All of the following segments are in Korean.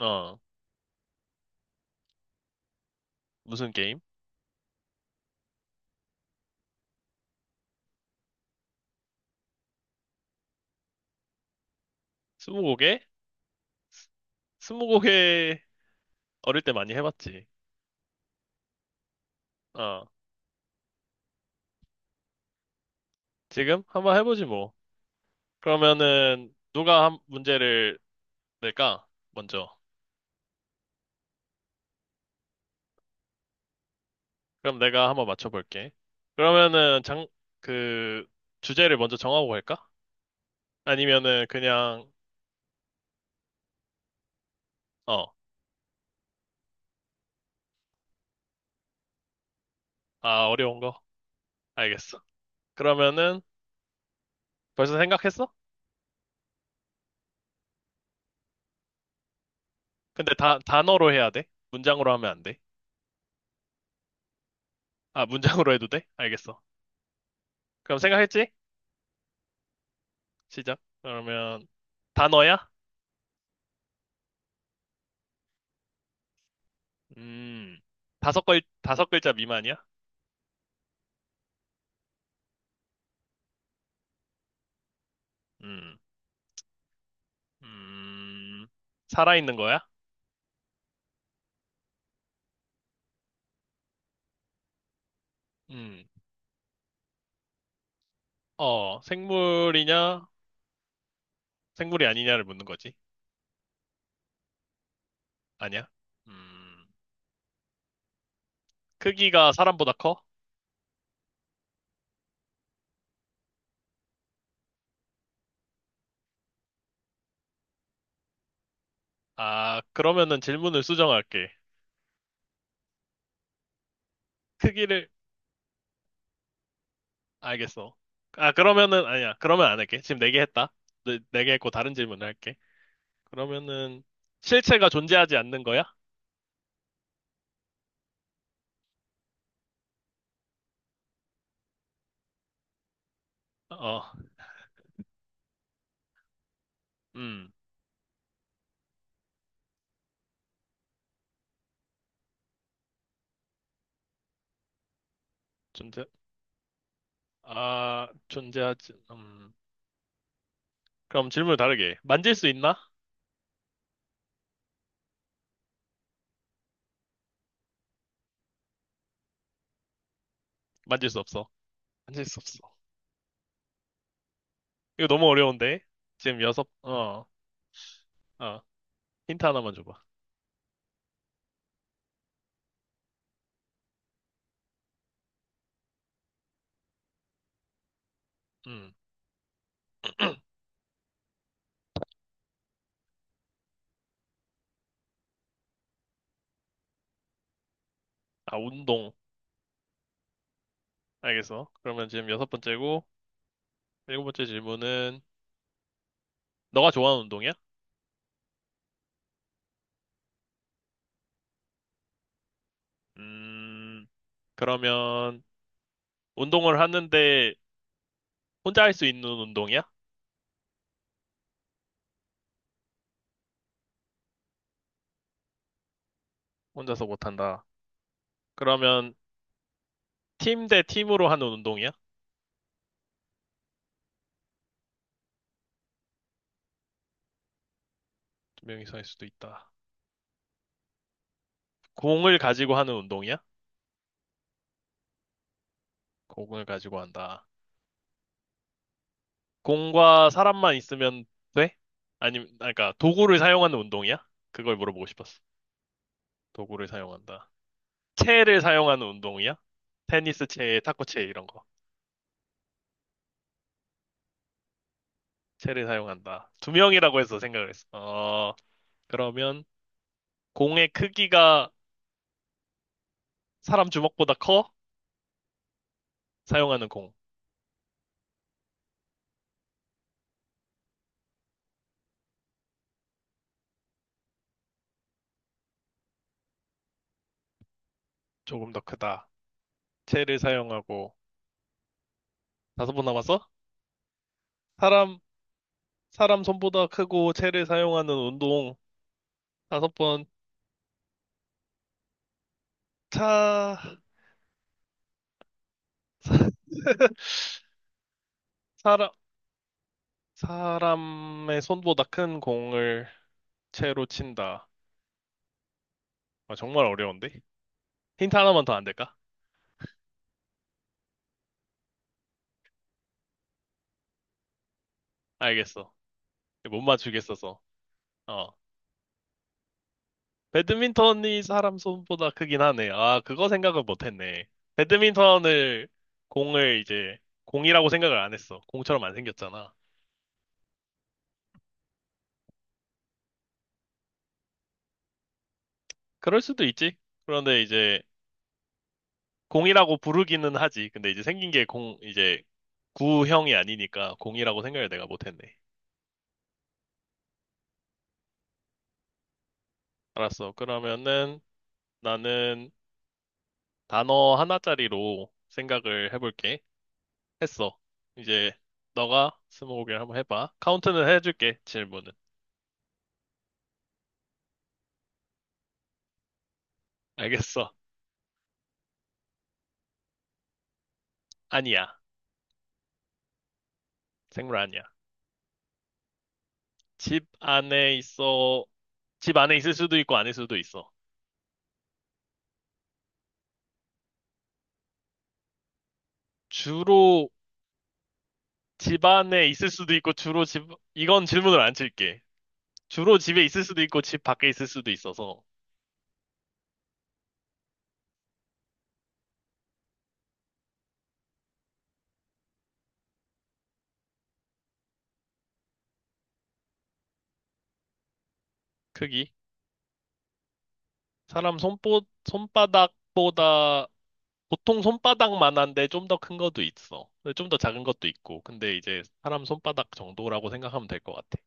어, 무슨 게임? 스무고개? 스- 스무고개 어릴 때 많이 해봤지. 어, 지금 한번 해보지 뭐. 그러면은 누가 한 문제를 낼까? 먼저. 그럼 내가 한번 맞춰볼게. 그러면은 그, 주제를 먼저 정하고 갈까? 아니면은 그냥, 어, 아, 어려운 거? 알겠어. 그러면은 벌써 생각했어? 근데 단어로 해야 돼? 문장으로 하면 안 돼? 아, 문장으로 해도 돼? 알겠어. 그럼 생각했지? 시작. 그러면 단어야? 음, 다섯 글자 미만이야? 음, 음, 살아있는 거야? 음, 어, 생물이냐? 생물이 아니냐를 묻는 거지. 아니야? 음, 크기가 사람보다 커? 아, 그러면은 질문을 수정할게. 크기를 알겠어. 아, 그러면은 아니야. 그러면 안 할게. 지금 네 개 했다. 네, 네개 했고 다른 질문을 할게. 그러면은 실체가 존재하지 않는 거야? 어, 음, 존재. 아, 존재하지. 음. 그럼 질문을 다르게. 만질 수 있나? 만질 수 없어. 만질 수 없어. 이거 너무 어려운데? 지금 여섯, 어. 힌트 하나만 줘봐. 음. 아, 운동. 알겠어. 그러면 지금 여섯 번째고, 일곱 번째 질문은, 너가 좋아하는 운동이야? 음, 그러면, 운동을 하는데, 혼자 할 수 있는 운동이야? 혼자서 못한다. 그러면, 팀 대 팀으로 하는 운동이야? 두 명이서 할 수도 있다. 공을 가지고 하는 운동이야? 공을 가지고 한다. 공과 사람만 있으면 돼? 아니면, 아, 그러니까 도구를 사용하는 운동이야? 그걸 물어보고 싶었어. 도구를 사용한다. 채를 사용하는 운동이야? 테니스 채, 탁구 채 이런 거. 채를 사용한다. 두 명이라고 해서 생각을 했어. 어, 그러면 공의 크기가 사람 주먹보다 커? 사용하는 공. 조금 더 크다. 채를 사용하고 다섯 번 남았어? 사람, 사람 손보다 크고 채를 사용하는 운동. 다섯 번. 차, 사람, 사람의 손보다 큰 공을 채로 친다. 아, 정말 어려운데? 힌트 하나만 더 안 될까? 알겠어. 못 맞추겠어서. 어. 배드민턴이 사람 손보다 크긴 하네. 아, 그거 생각을 못 했네. 배드민턴을 공을 이제 공이라고 생각을 안 했어. 공처럼 안 생겼잖아. 그럴 수도 있지. 그런데 이제 공이라고 부르기는 하지. 근데 이제 생긴 게 이제 구형이 아니니까 공이라고 생각을 내가 못 했네. 알았어. 그러면은 나는 단어 하나짜리로 생각을 해볼게. 했어. 이제 너가 스무고개를 한번 해봐. 카운트는 해줄게, 질문은. 알겠어. 아니야. 생물 아니야. 집 안에 있어. 집 안에 있을 수도 있고 아닐 수도 있어. 주로 집 안에 있을 수도 있고 이건 질문을 안 칠게. 주로 집에 있을 수도 있고 집 밖에 있을 수도 있어서 크기? 사람 손바닥보다 보통 손바닥만한데 좀 더 큰 것도 있어. 좀 더 작은 것도 있고. 근데 이제 사람 손바닥 정도라고 생각하면 될 것 같아.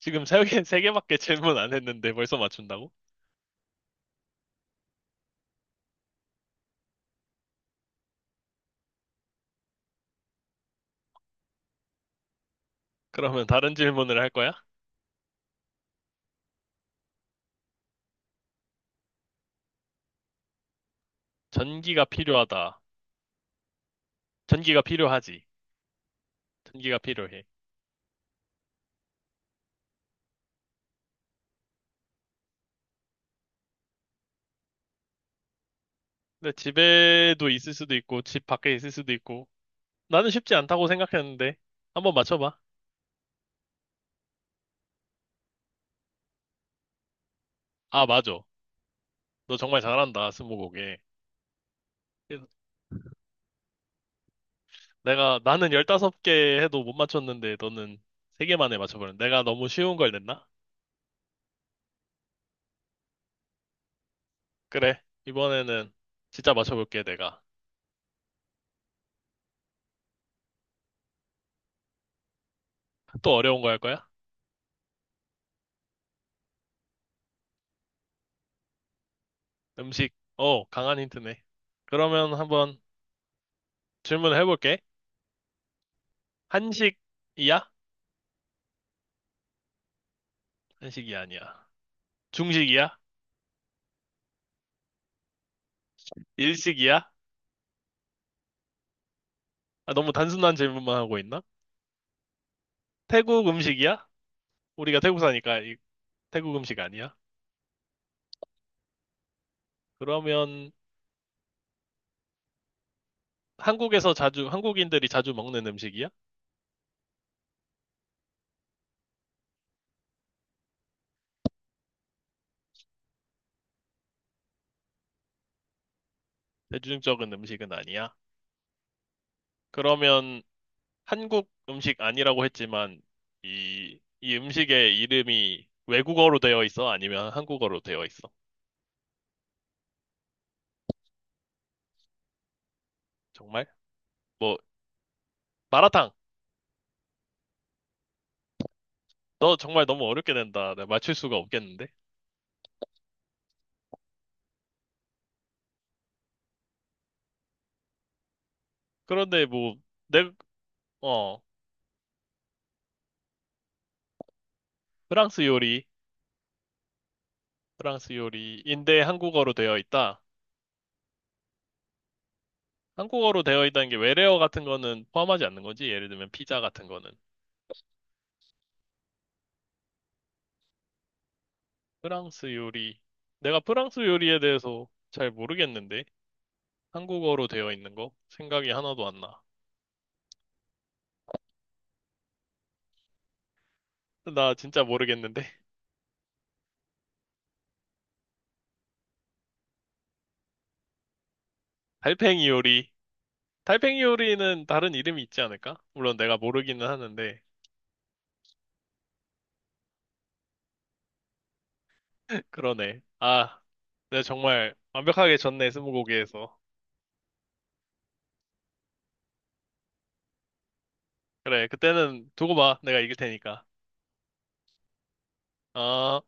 지금 세 개밖에 질문 안 했는데 벌써 맞춘다고? 그러면 다른 질문을 할 거야? 전기가 필요하다. 전기가 필요하지. 전기가 필요해. 근데 집에도 있을 수도 있고, 집 밖에 있을 수도 있고. 나는 쉽지 않다고 생각했는데. 한번 맞춰봐. 아, 맞아. 너 정말 잘한다, 스무고개. 나는 15개 해도 못 맞췄는데 너는 세 개 만에 맞춰버렸네. 내가 너무 쉬운 걸 냈나? 그래. 이번에는 진짜 맞춰볼게, 내가. 또 어려운 거 할 거야? 음식. 어, 강한 힌트네. 그러면 한번 질문을 해볼게. 한식이야? 한식이 아니야. 중식이야? 일식이야? 아, 너무 단순한 질문만 하고 있나? 태국 음식이야? 우리가 태국 사니까 태국 음식 아니야? 그러면 한국인들이 자주 먹는 음식이야? 대중적인 음식은 아니야? 그러면 한국 음식 아니라고 했지만 이 음식의 이름이 외국어로 되어 있어? 아니면 한국어로 되어 있어? 정말? 뭐 마라탕. 너 정말 너무 어렵게 된다. 내가 맞출 수가 없겠는데. 그런데 뭐 내, 어, 프랑스 요리, 프랑스 요리인데 한국어로 되어 있다. 한국어로 되어 있다는 게 외래어 같은 거는 포함하지 않는 거지. 예를 들면 피자 같은 거는. 프랑스 요리. 내가 프랑스 요리에 대해서 잘 모르겠는데. 한국어로 되어 있는 거? 생각이 하나도 안 나. 나 진짜 모르겠는데. 달팽이 요리. 달팽이 요리는 다른 이름이 있지 않을까? 물론 내가 모르기는 하는데. 그러네. 아, 내가 정말 완벽하게 졌네, 스무고개에서. 그래, 그때는 두고 봐. 내가 이길 테니까. 아.